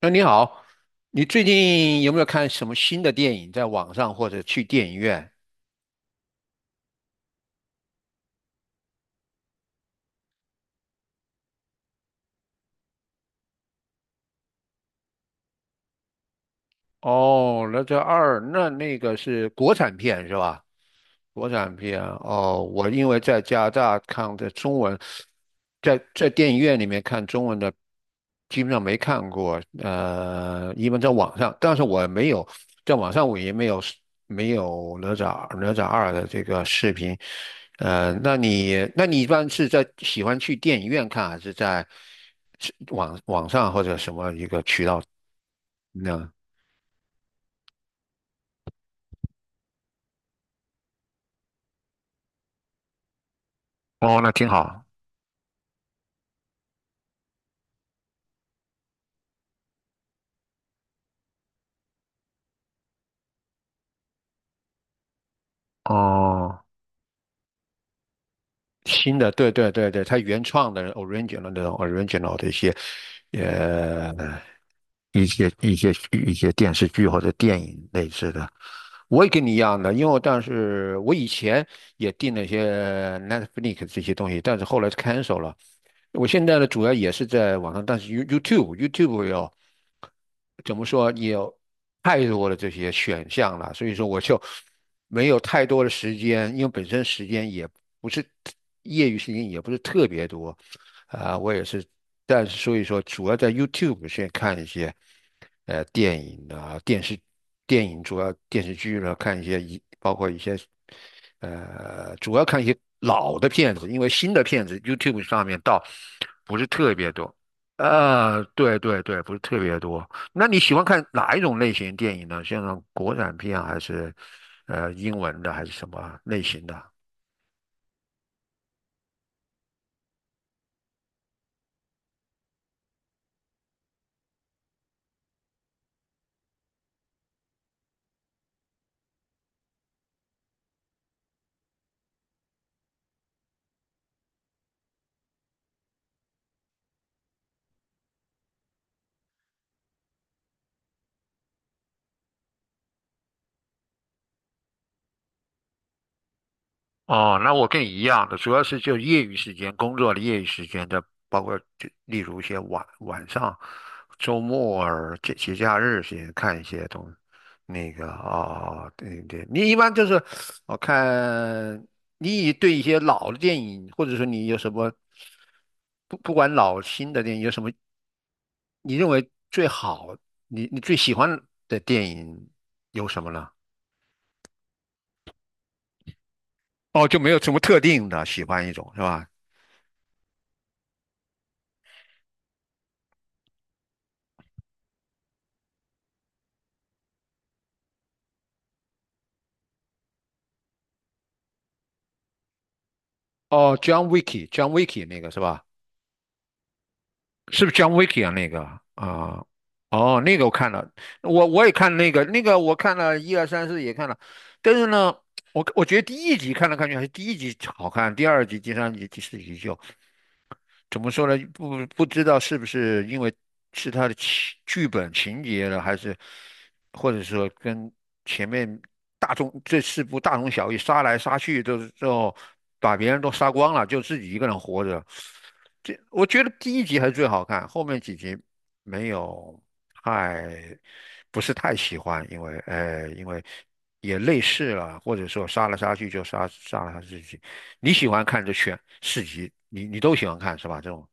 哎，你好，你最近有没有看什么新的电影在网上或者去电影院？哦，那这二，那个是国产片是吧？国产片啊哦，我因为在加拿大看的中文，在电影院里面看中文的，基本上没看过。一般在网上，但是我没有在网上，我也没有哪吒二的这个视频。那你一般是在喜欢去电影院看，还是是网上或者什么一个渠道呢？哦，那挺好。哦。新的，对对对对，它原创的 original 那种 original 的一些，呃，一些一些一些电视剧或者电影类似的，我也跟你一样的，因为我当时我以前也订了一些 Netflix 这些东西，但是后来 cancel 了，我现在呢，主要也是在网上，但是 YouTube 有怎么说，也有太多的这些选项了，所以说我就没有太多的时间，因为本身时间也不是业余时间也不是特别多，啊、我也是，但是所以说主要在 YouTube 先看一些电影啊、电视、电影主要电视剧了，看一些包括一些。主要看一些老的片子，因为新的片子 YouTube 上面倒不是特别多。对对对，不是特别多。那你喜欢看哪一种类型电影呢？像国产片啊还是英文的，还是什么类型的？哦，那我跟你一样的，主要是就业余时间、工作的业余时间的，包括就例如一些晚上、周末儿、节假日时间看一些那个啊、对对，你一般就是我看你对一些老的电影，或者说你有什么不管老新的电影，有什么你认为最好，你最喜欢的电影有什么呢？哦，就没有什么特定的喜欢一种是吧？哦，John Wick 那个是吧？是不是 John Wick 啊？那个啊，哦，那个我看了，我也看那个，那个我看了一二三四也看了，但是呢，我觉得第一集看来看去还是第一集好看，第二集、第三集、第四集就怎么说呢？不知道是不是因为是他的剧本情节了，还是或者说跟前面大众这四部大同小异，杀来杀去都是最后把别人都杀光了，就自己一个人活着。这我觉得第一集还是最好看，后面几集没有太不是太喜欢，因为因为也类似了，或者说杀来杀去就杀了他自己。你喜欢看这选四集，你都喜欢看是吧？这种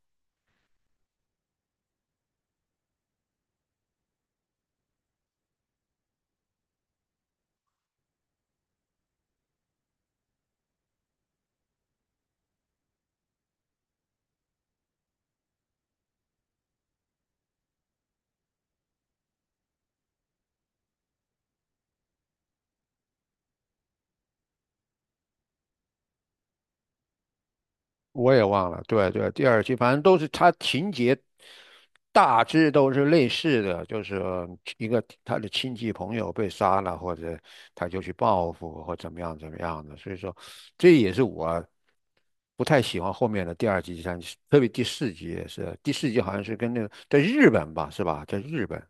我也忘了，对对，第二集反正都是它情节大致都是类似的，就是一个他的亲戚朋友被杀了，或者他就去报复或怎么样怎么样的，所以说这也是我不太喜欢后面的第二季、第三季，特别第四集也是，第四集好像是跟那个在日本吧，是吧？在日本，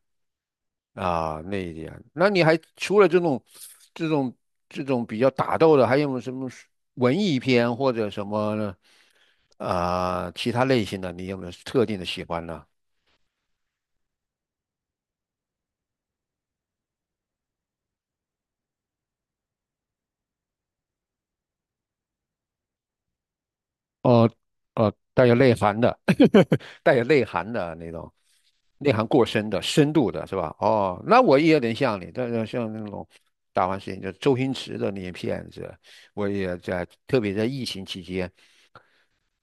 啊，那一点，那你还除了这种、这种比较打斗的，还有没有什么是文艺片或者什么呢？啊、其他类型的，你有没有特定的喜欢呢？哦哦，带有内涵的，带有内涵的那种，内涵过深的、深度的，是吧？哦，那我也有点像你，但是像那种打完事情，就周星驰的那些片子，我也在，特别在疫情期间。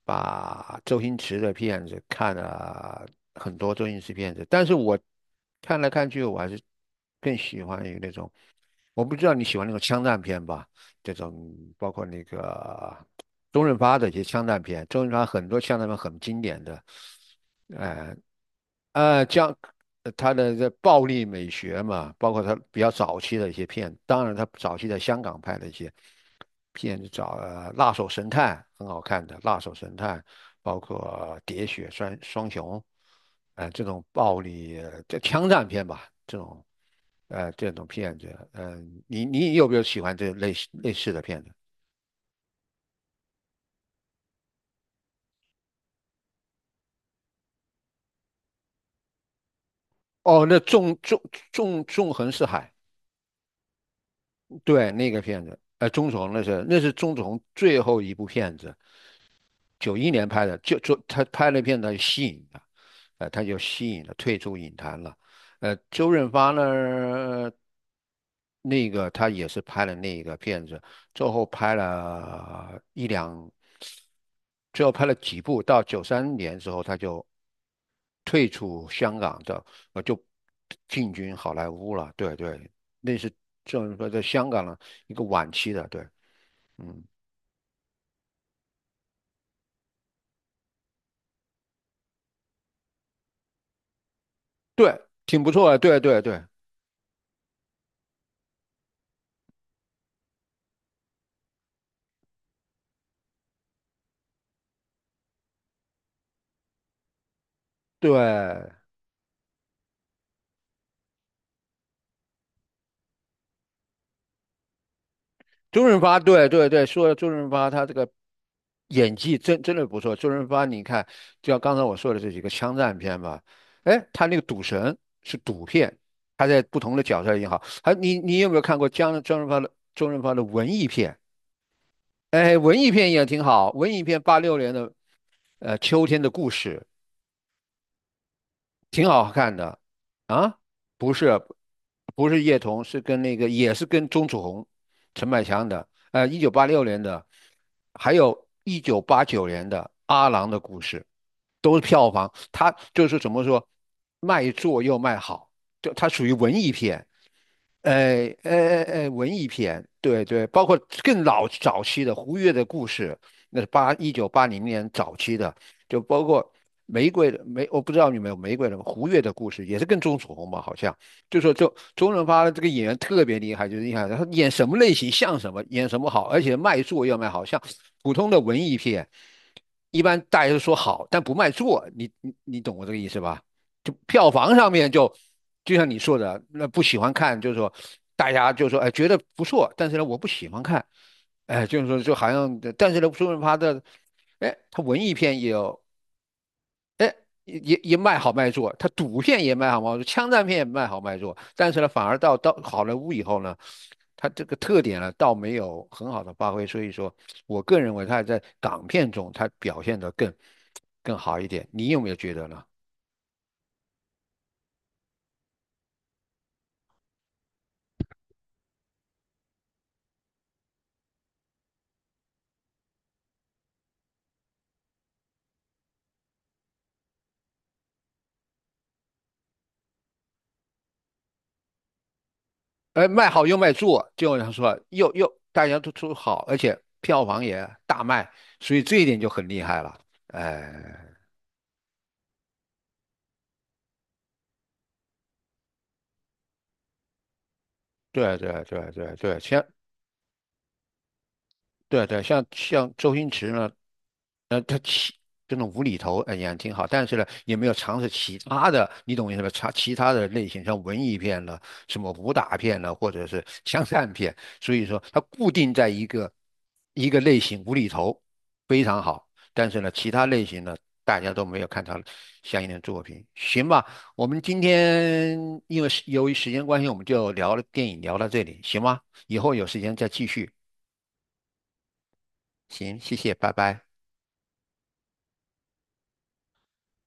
把周星驰的片子看了很多周星驰片子，但是我看来看去，我还是更喜欢于那种，我不知道你喜欢那种枪战片吧？这种包括那个周润发的一些枪战片，周润发很多枪战片很经典的，哎。将他的这暴力美学嘛，包括他比较早期的一些片，当然他早期在香港拍的一些片，找《辣手神探》很好看的《辣手神探》，包括《喋血双雄》，这种暴力这枪战片吧，这种片子，你有没有喜欢这类似的片子？哦，那纵横四海，对那个片子，钟楚红那是钟楚红最后一部片子，91年拍的，就他拍那片，他就吸引了，退出影坛了。周润发呢，那个他也是拍了那个片子，最后拍了一两，最后拍了几部，到93年之后他就退出香港的，就进军好莱坞了。对对，那是周润发在香港的一个晚期的，对，嗯，对，挺不错的，对对对对。周润发，对对对，说到周润发，他这个演技真的不错。周润发，你看，就像刚才我说的这几个枪战片吧，哎，他那个赌神是赌片，他在不同的角色也好，还你有没有看过江周润发的周润发的文艺片？哎，文艺片也挺好，文艺片八六年的《秋天的故事》，挺好看的啊，不是，不是叶童，是跟那个也是跟钟楚红、陈百强的，1986年的，还有1989年的《阿郎的故事》，都是票房，它就是怎么说，卖座又卖好，就它属于文艺片。哎哎哎哎，文艺片，对对，包括更老早期的胡月的故事，那是1980年早期的，就包括玫瑰的玫，我不知道你们有玫瑰的胡月的故事，也是跟钟楚红吧，好像就说周润发这个演员特别厉害，就是厉害，他演什么类型像什么，演什么好，而且卖座要卖好，像普通的文艺片，一般大家都说好，但不卖座，你懂我这个意思吧？就票房上面就就像你说的，那不喜欢看，就是说大家就说哎觉得不错，但是呢我不喜欢看，哎就是说就好像，但是呢说明他的，哎他文艺片也有。也卖好卖座，他赌片也卖好卖座，枪战片也卖好卖座，但是呢，反而到好莱坞以后呢，他这个特点呢，倒没有很好的发挥，所以说，我个人认为还在港片中他表现的更好一点，你有没有觉得呢？卖好又卖座，就像说又大家都好，而且票房也大卖，所以这一点就很厉害了。哎，对对对对对，像，对对，像周星驰呢，这种无厘头，哎呀，挺好，但是呢，也没有尝试其他的，你懂我意思吧？尝其他的类型，像文艺片了，什么武打片了，或者是枪战片，所以说它固定在一个类型，无厘头非常好，但是呢，其他类型呢，大家都没有看到相应的作品，行吧？我们今天因为由于时间关系，我们就聊了电影，聊到这里，行吗？以后有时间再继续，行，谢谢，拜拜。